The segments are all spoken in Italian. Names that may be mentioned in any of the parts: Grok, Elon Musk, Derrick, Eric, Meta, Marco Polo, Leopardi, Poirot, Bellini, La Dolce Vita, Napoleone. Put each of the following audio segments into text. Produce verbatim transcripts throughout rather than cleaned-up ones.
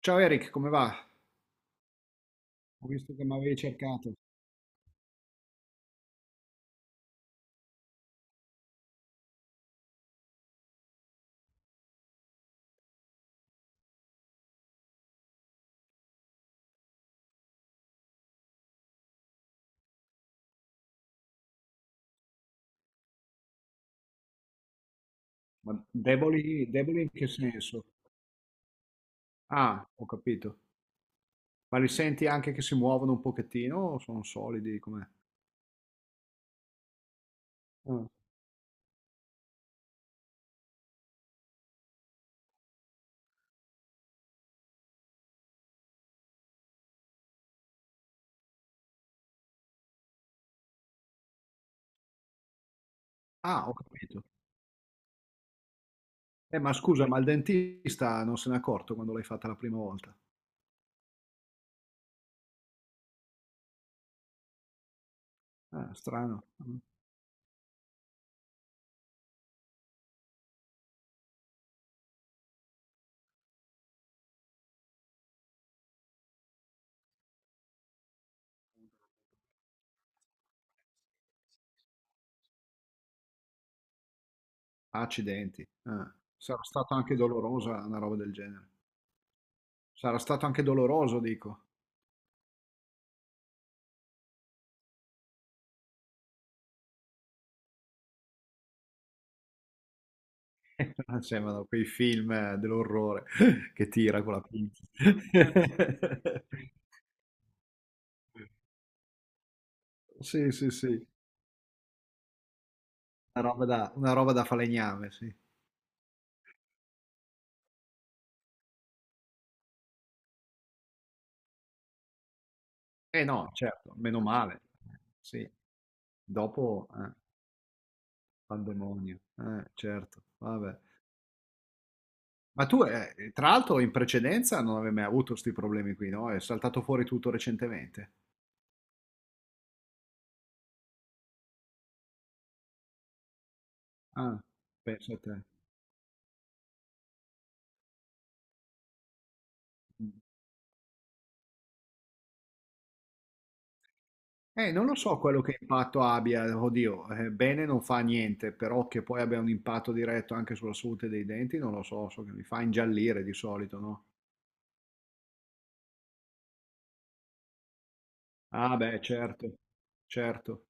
Ciao Eric, come va? Ho visto che mi avevi cercato. Ma deboli, deboli in che senso? Ah, ho capito. Ma li senti anche che si muovono un pochettino o sono solidi? Com'è? Ah, ah, ho capito. Eh, ma scusa, ma il dentista non se n'è accorto quando l'hai fatta la prima volta? Ah, strano. Mm. Accidenti. Ah, sarà stato anche dolorosa una roba del genere. Sarà stato anche doloroso, dico. Non sembrano quei film eh, dell'orrore che tira con la pinza. Sì, sì, sì, una roba da, una roba da falegname, sì. Eh no, certo, meno male. Sì. Dopo, eh, pandemonio. Eh, certo, vabbè. Ma tu, eh, tra l'altro, in precedenza non avevi mai avuto questi problemi qui, no? È saltato fuori tutto recentemente. Ah, pensa a te. Mm. Eh, non lo so quello che impatto abbia, oddio, eh, bene non fa niente, però che poi abbia un impatto diretto anche sulla salute dei denti, non lo so, so che mi fa ingiallire di solito, no? Ah, beh, certo, certo,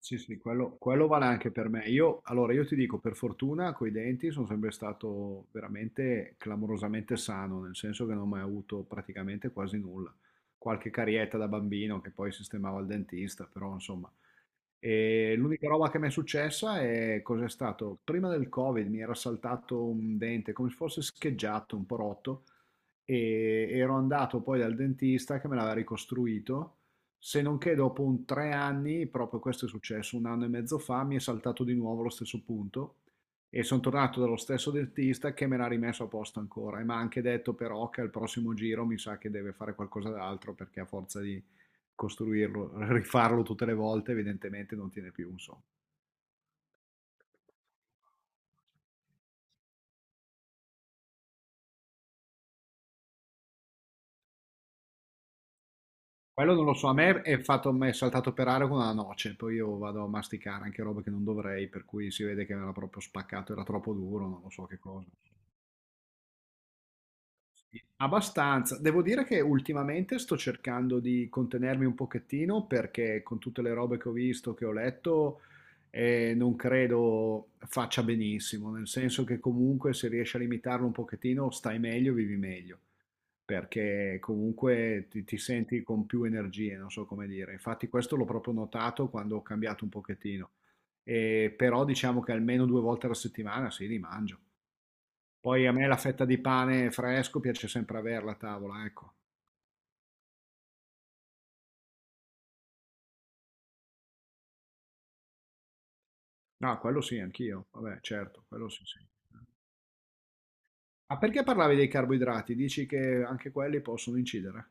sì, sì, quello, quello vale anche per me. Io, allora, io ti dico, per fortuna, coi denti sono sempre stato veramente clamorosamente sano, nel senso che non ho mai avuto praticamente quasi nulla. Qualche carietta da bambino che poi sistemavo al dentista, però insomma... E l'unica roba che mi è successa è cos'è stato? Prima del Covid mi era saltato un dente, come se fosse scheggiato, un po' rotto, e ero andato poi dal dentista che me l'aveva ricostruito, se non che dopo un tre anni, proprio questo è successo un anno e mezzo fa, mi è saltato di nuovo lo stesso punto e sono tornato dallo stesso dentista che me l'ha rimesso a posto ancora e mi ha anche detto però che al prossimo giro mi sa che deve fare qualcosa d'altro perché a forza di costruirlo, rifarlo tutte le volte, evidentemente non tiene più, insomma. Quello non lo so, a me è fatto, è saltato per aria con una noce, poi io vado a masticare anche roba che non dovrei, per cui si vede che era proprio spaccato, era troppo duro, non lo so che cosa. Sì, abbastanza. Devo dire che ultimamente sto cercando di contenermi un pochettino perché con tutte le robe che ho visto, che ho letto, eh, non credo faccia benissimo, nel senso che comunque se riesci a limitarlo un pochettino stai meglio, vivi meglio. Perché comunque ti ti senti con più energie, non so come dire. Infatti questo l'ho proprio notato quando ho cambiato un pochettino. Ehm, però diciamo che almeno due volte alla settimana sì, li mangio. Poi a me la fetta di pane fresco piace sempre averla a tavola, ecco. No, quello sì, anch'io. Vabbè, certo, quello sì, sì. Ma perché parlavi dei carboidrati? Dici che anche quelli possono incidere?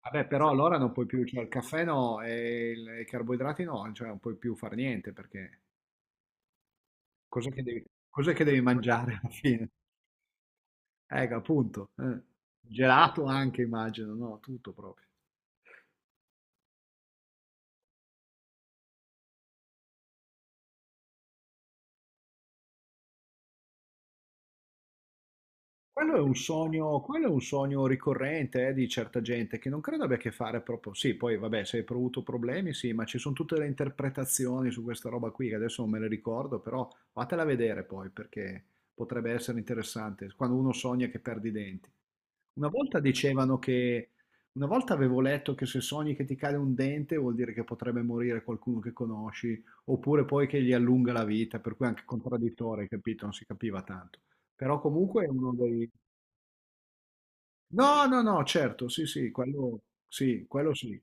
Vabbè, però allora non puoi più, cioè il caffè no e il e i carboidrati no, cioè non puoi più far niente perché Cos'è che devi cos'è che devi mangiare alla fine? Eh, che appunto, eh. Gelato anche immagino, no, tutto proprio. Quello è un sogno quello è un sogno ricorrente, eh, di certa gente che non credo abbia a che fare proprio sì, poi vabbè se hai avuto problemi sì, ma ci sono tutte le interpretazioni su questa roba qui che adesso non me le ricordo, però fatela vedere poi perché potrebbe essere interessante quando uno sogna che perde i denti. Una volta dicevano che una volta avevo letto che se sogni che ti cade un dente vuol dire che potrebbe morire qualcuno che conosci, oppure poi che gli allunga la vita, per cui anche contraddittorio, hai capito? Non si capiva tanto. Però comunque è uno dei... No, no, no, certo, sì, sì, quello sì, quello sì,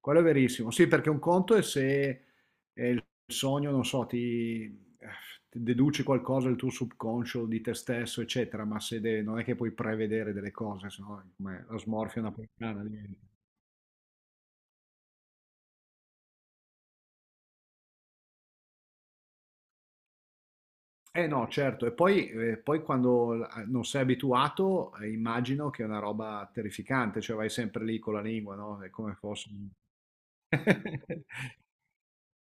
quello è verissimo. Sì, perché un conto è se è il sogno, non so, ti, eh, ti deduci qualcosa del tuo subconscio, di te stesso, eccetera, ma se de- non è che puoi prevedere delle cose, se no è come la smorfia napoletana diventa. Eh no, certo, e poi, eh, poi quando l- non sei abituato, eh, immagino che è una roba terrificante, cioè vai sempre lì con la lingua, no? È come fosse... un-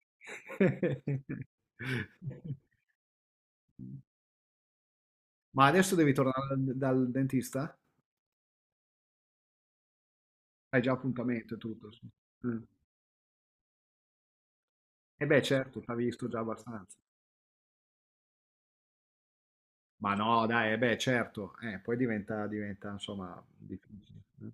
Ma adesso devi tornare dal, dal dentista? Hai già appuntamento e tutto. Sì. Mm. E beh, certo, t'ha visto già abbastanza. Ma no, dai, eh beh, certo. Eh, poi diventa, diventa, insomma, difficile. Eh.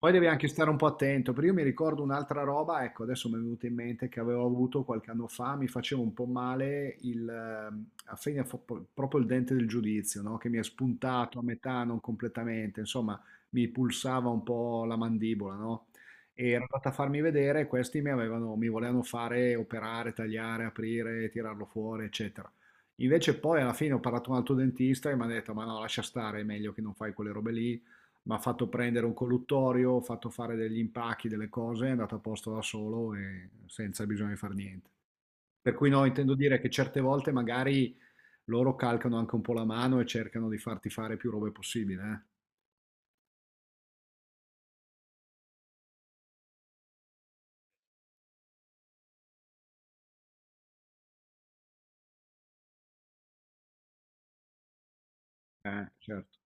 Poi devi anche stare un po' attento, perché io mi ricordo un'altra roba, ecco, adesso mi è venuta in mente che avevo avuto qualche anno fa, mi faceva un po' male il, ehm, a fine fo- proprio il dente del giudizio, no? Che mi è spuntato a metà, non completamente, insomma, mi pulsava un po' la mandibola, no? E era andata a farmi vedere, questi mi avevano, mi volevano fare operare, tagliare, aprire, tirarlo fuori, eccetera. Invece poi alla fine ho parlato con un altro dentista e mi ha detto, ma no, lascia stare, è meglio che non fai quelle robe lì, m'ha fatto prendere un colluttorio, fatto fare degli impacchi, delle cose, è andato a posto da solo e senza bisogno di fare niente. Per cui no, intendo dire che certe volte magari loro calcano anche un po' la mano e cercano di farti fare più robe possibile, eh. Eh, certo.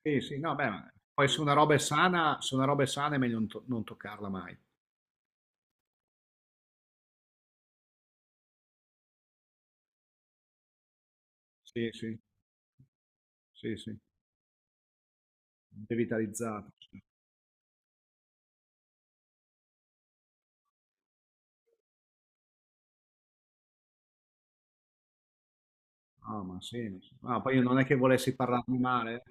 Sì, sì, no, beh, ma poi se una roba è sana, se una roba è sana è meglio non, to- non toccarla mai. Sì, sì, sì, sì, devitalizzato. Ah, ma sì, ma sì. Ah, poi io non è che volessi parlarne male, eh.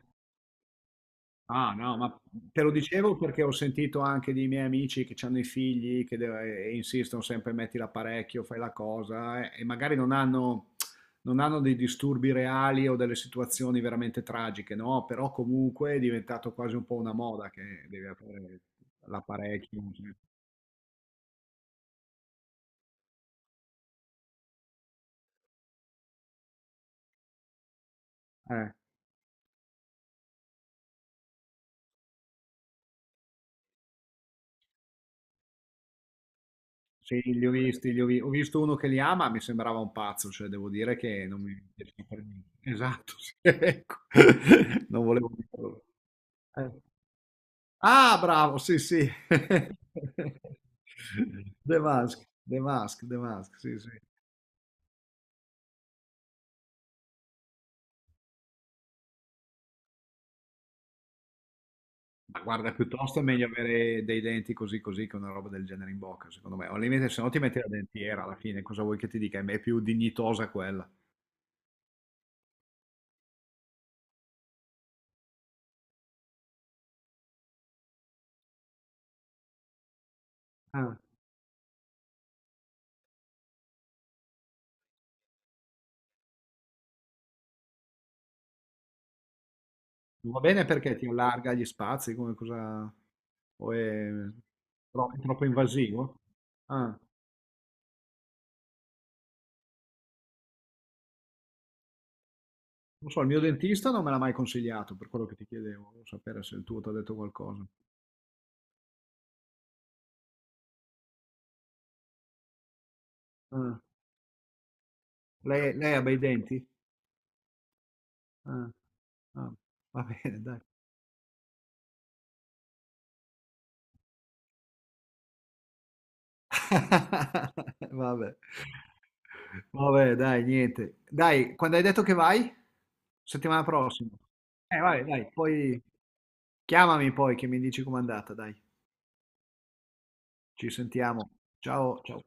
Ah, no, ma te lo dicevo perché ho sentito anche dei miei amici che hanno i figli che de- e insistono sempre, metti l'apparecchio, fai la cosa, e, e magari non hanno, non hanno dei disturbi reali o delle situazioni veramente tragiche, no? Però comunque è diventato quasi un po' una moda che devi avere l'apparecchio, cioè. Eh, sì, li ho visti, li ho, vi- ho visto uno che li ama, mi sembrava un pazzo, cioè devo dire che non mi piaceva per niente. Esatto, sì, ecco. Non volevo dirlo. Eh. Ah, bravo, sì, sì. The Mask, The Mask, The Mask, sì, sì. Ma guarda, piuttosto è meglio avere dei denti così così che una roba del genere in bocca, secondo me. O al limite, se no ti metti la dentiera alla fine, cosa vuoi che ti dica? È più dignitosa quella. Ah, va bene perché ti allarga gli spazi, come cosa... o è tro- è troppo invasivo? Ah, non so, il mio dentista non me l'ha mai consigliato, per quello che ti chiedevo, volevo sapere se il tuo ti ha detto qualcosa. Ah, Lei, lei ha bei denti? Ah, ah, va bene dai. Vabbè. Vabbè dai, niente. Dai, quando hai detto che vai? Settimana prossima. Eh, vai, dai, poi chiamami poi che mi dici com'è andata, dai. Ci sentiamo. Ciao, ciao.